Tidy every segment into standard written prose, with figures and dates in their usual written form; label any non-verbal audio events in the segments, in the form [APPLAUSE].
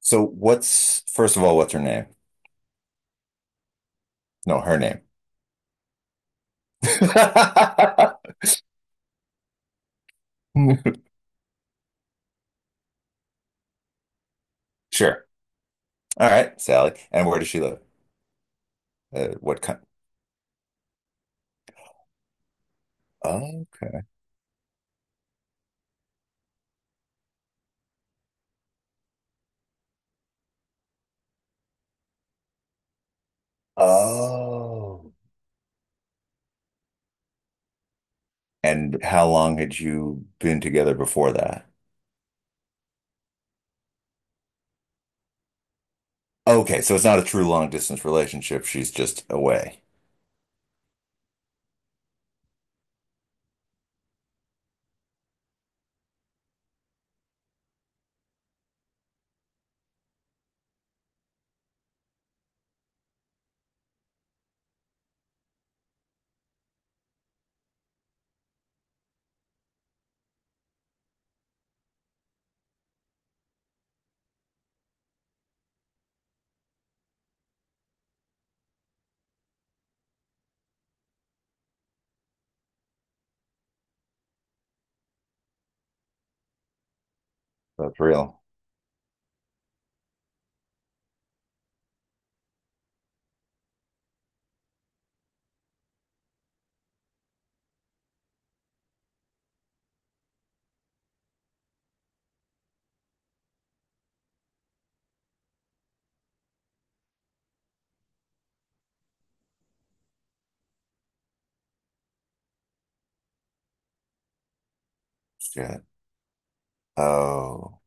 So what's first of all, what's her name? No, her name. [LAUGHS] Sure. All right, Sally. And where does she live? What kind? Oh, okay. Oh. And how long had you been together before that? Okay, so it's not a true long distance relationship. She's just away. That's real. Shit. Oh,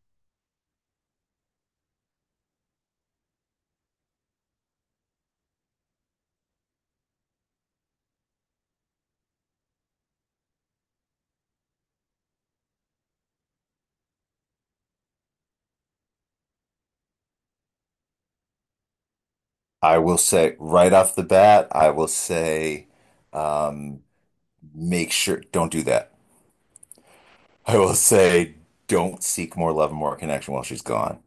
I will say right off the bat, I will say, um, make sure don't do that. I will say, don't seek more love and more connection while she's gone.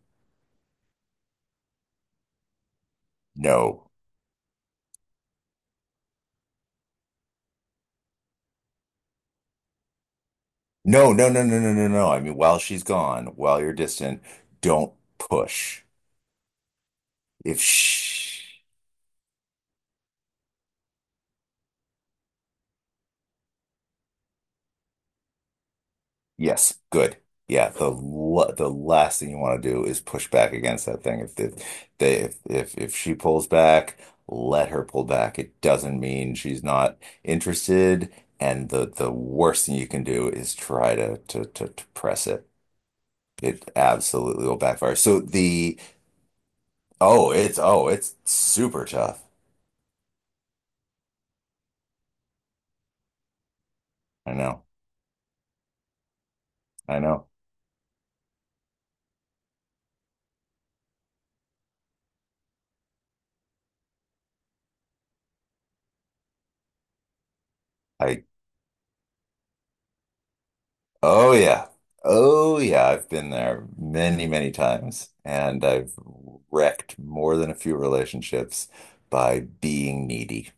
No. No, no, no, no, no, no, no. I mean, while she's gone, while you're distant, don't push. If she, yes, good. Yeah, the last thing you want to do is push back against that thing. If the, they if she pulls back, let her pull back. It doesn't mean she's not interested, and the worst thing you can do is try to press it. It absolutely will backfire. So the oh, it's super tough. I know. I know. I Oh yeah. Oh yeah, I've been there many, many times, and I've wrecked more than a few relationships by being needy.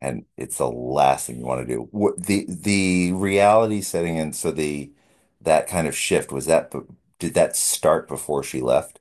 And it's the last thing you want to do. What the reality setting in, so the that kind of shift, did that start before she left?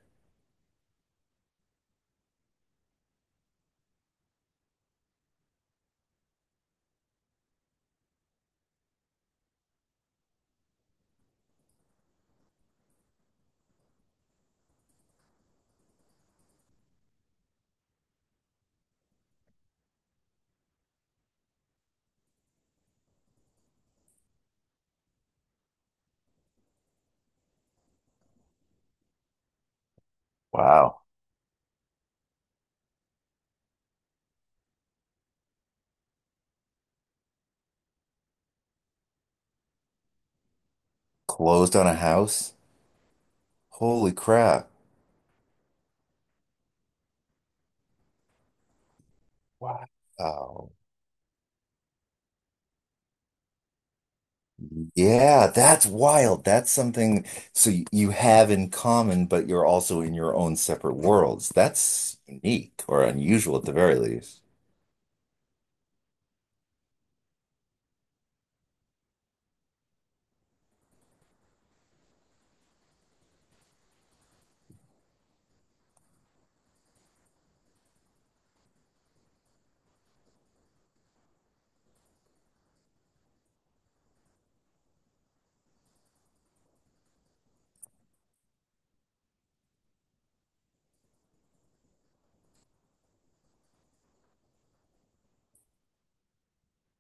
Wow. Closed on a house? Holy crap. Wow. Yeah, that's wild. That's something so you have in common, but you're also in your own separate worlds. That's unique, or unusual at the very least.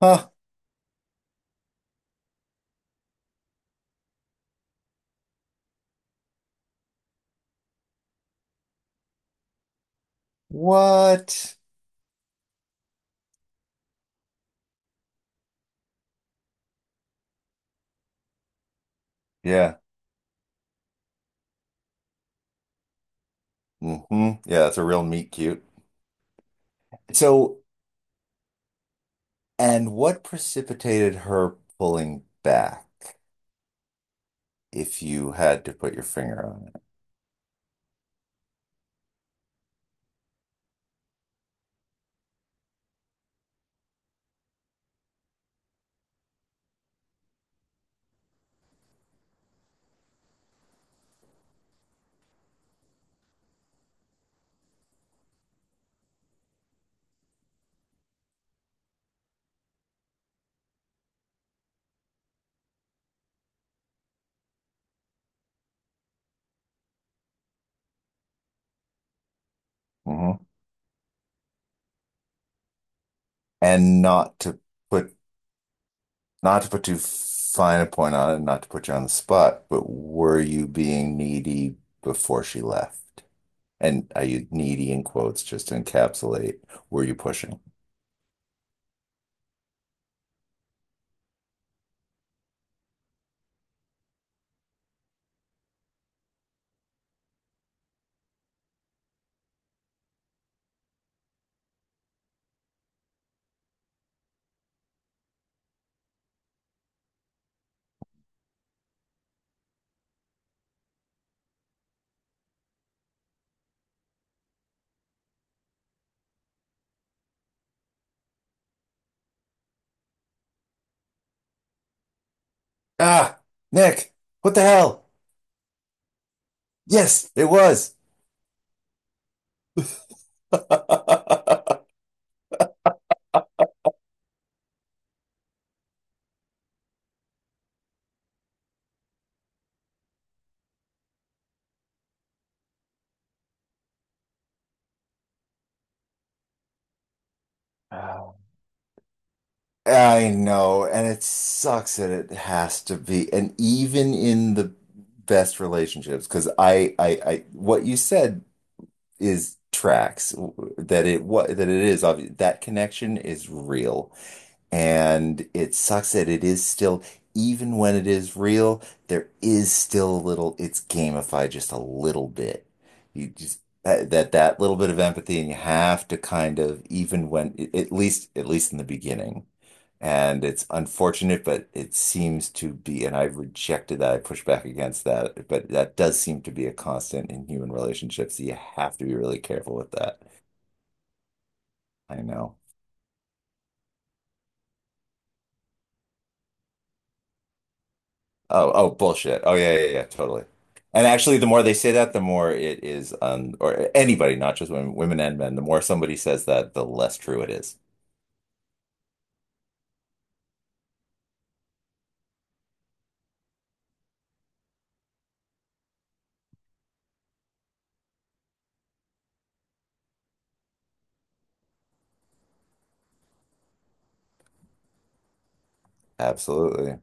Huh. What? Yeah. Hmm. Yeah, it's a real meet cute. So, and what precipitated her pulling back, if you had to put your finger on it? Hmm. And put not to put too fine a point on it, not to put you on the spot, but were you being needy before she left? And are you needy in quotes, just to encapsulate, were you pushing? Ah, Nick, what the hell? Yes, it was. [LAUGHS] I know, and it sucks that it has to be. And even in the best relationships, because what you said is tracks that it what that it is obvious that connection is real, and it sucks that it is still, even when it is real, there is still a little, it's gamified just a little bit. You just, that, that that little bit of empathy, and you have to kind of, even when, at least in the beginning. And it's unfortunate, but it seems to be, and I've rejected that, I push back against that, but that does seem to be a constant in human relationships. You have to be really careful with that. I know. Oh, oh, bullshit. Oh, yeah, yeah, yeah, totally. And actually, the more they say that, the more it is, or anybody, not just women, women and men, the more somebody says that, the less true it is. Absolutely.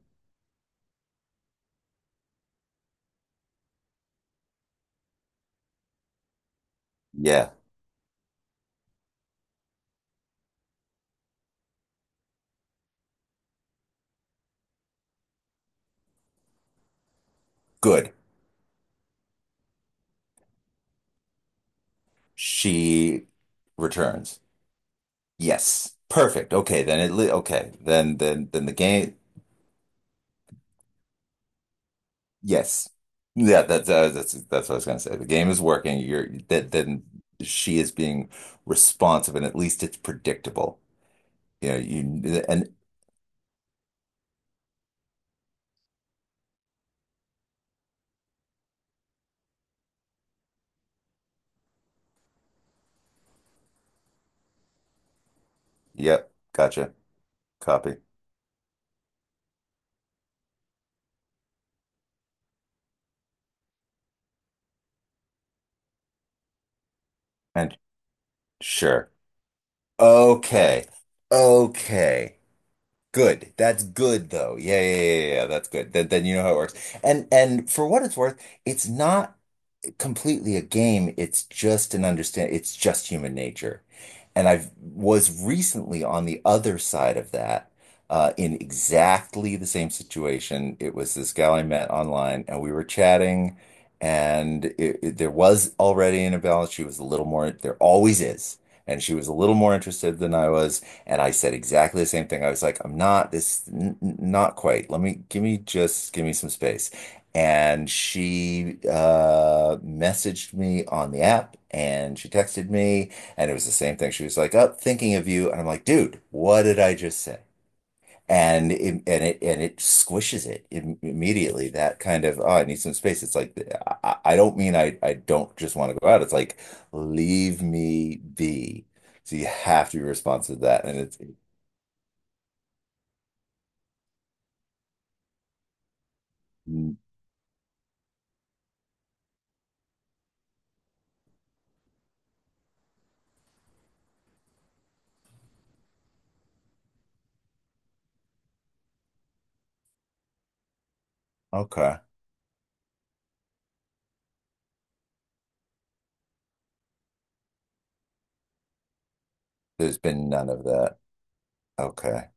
Yeah, good. She returns. Yes. Perfect. Okay, then the game, yes. Yeah, that's, that's what I was gonna say. The game is working. Then she is being responsive, and at least it's predictable. You know, you, and, yep, gotcha. Copy. And sure. Okay. Okay. Good. That's good though. Yeah, yeah, yeah, yeah, yeah. That's good. Then you know how it works. And for what it's worth, it's not completely a game. It's just an understand. It's just human nature. And I was recently on the other side of that, in exactly the same situation. It was this gal I met online, and we were chatting, and there was already an imbalance. She was a little more. There always is. And she was a little more interested than I was, and I said exactly the same thing. I was like, "I'm not this, not quite. Let me give me just give me some space." And she messaged me on the app and she texted me, and it was the same thing. She was like, "Up, thinking of you." And I'm like, "Dude, what did I just say?" And it squishes it im immediately. That kind of, oh, I need some space. It's like I don't just want to go out. It's like leave me be. So you have to be responsive to that. And it's mm, okay. There's been none of that. Okay.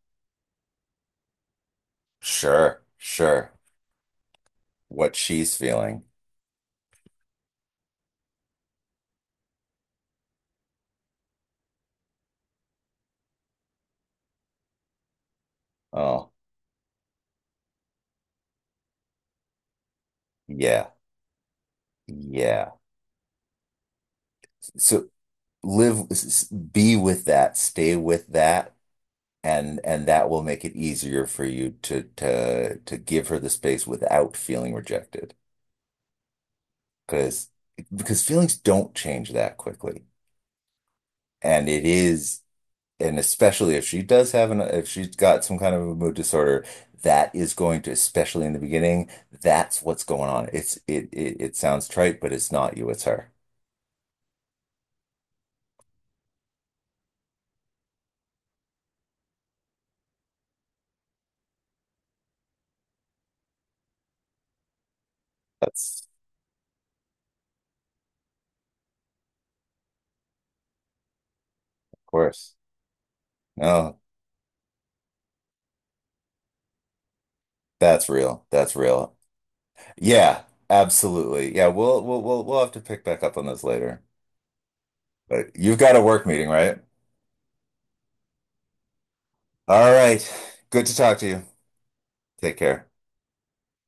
Sure. Sure. What she's feeling. Oh, yeah. Yeah. So live, be with that, stay with that, and that will make it easier for you to give her the space without feeling rejected. Because feelings don't change that quickly. And it is, and especially if she does have an, if she's got some kind of a mood disorder, that is going to, especially in the beginning, that's what's going on. It's it, sounds trite, but it's not you, it's her. That's course. No, that's real. That's real. Yeah, absolutely. Yeah, we'll have to pick back up on this later. But you've got a work meeting, right? All right. Good to talk to you. Take care.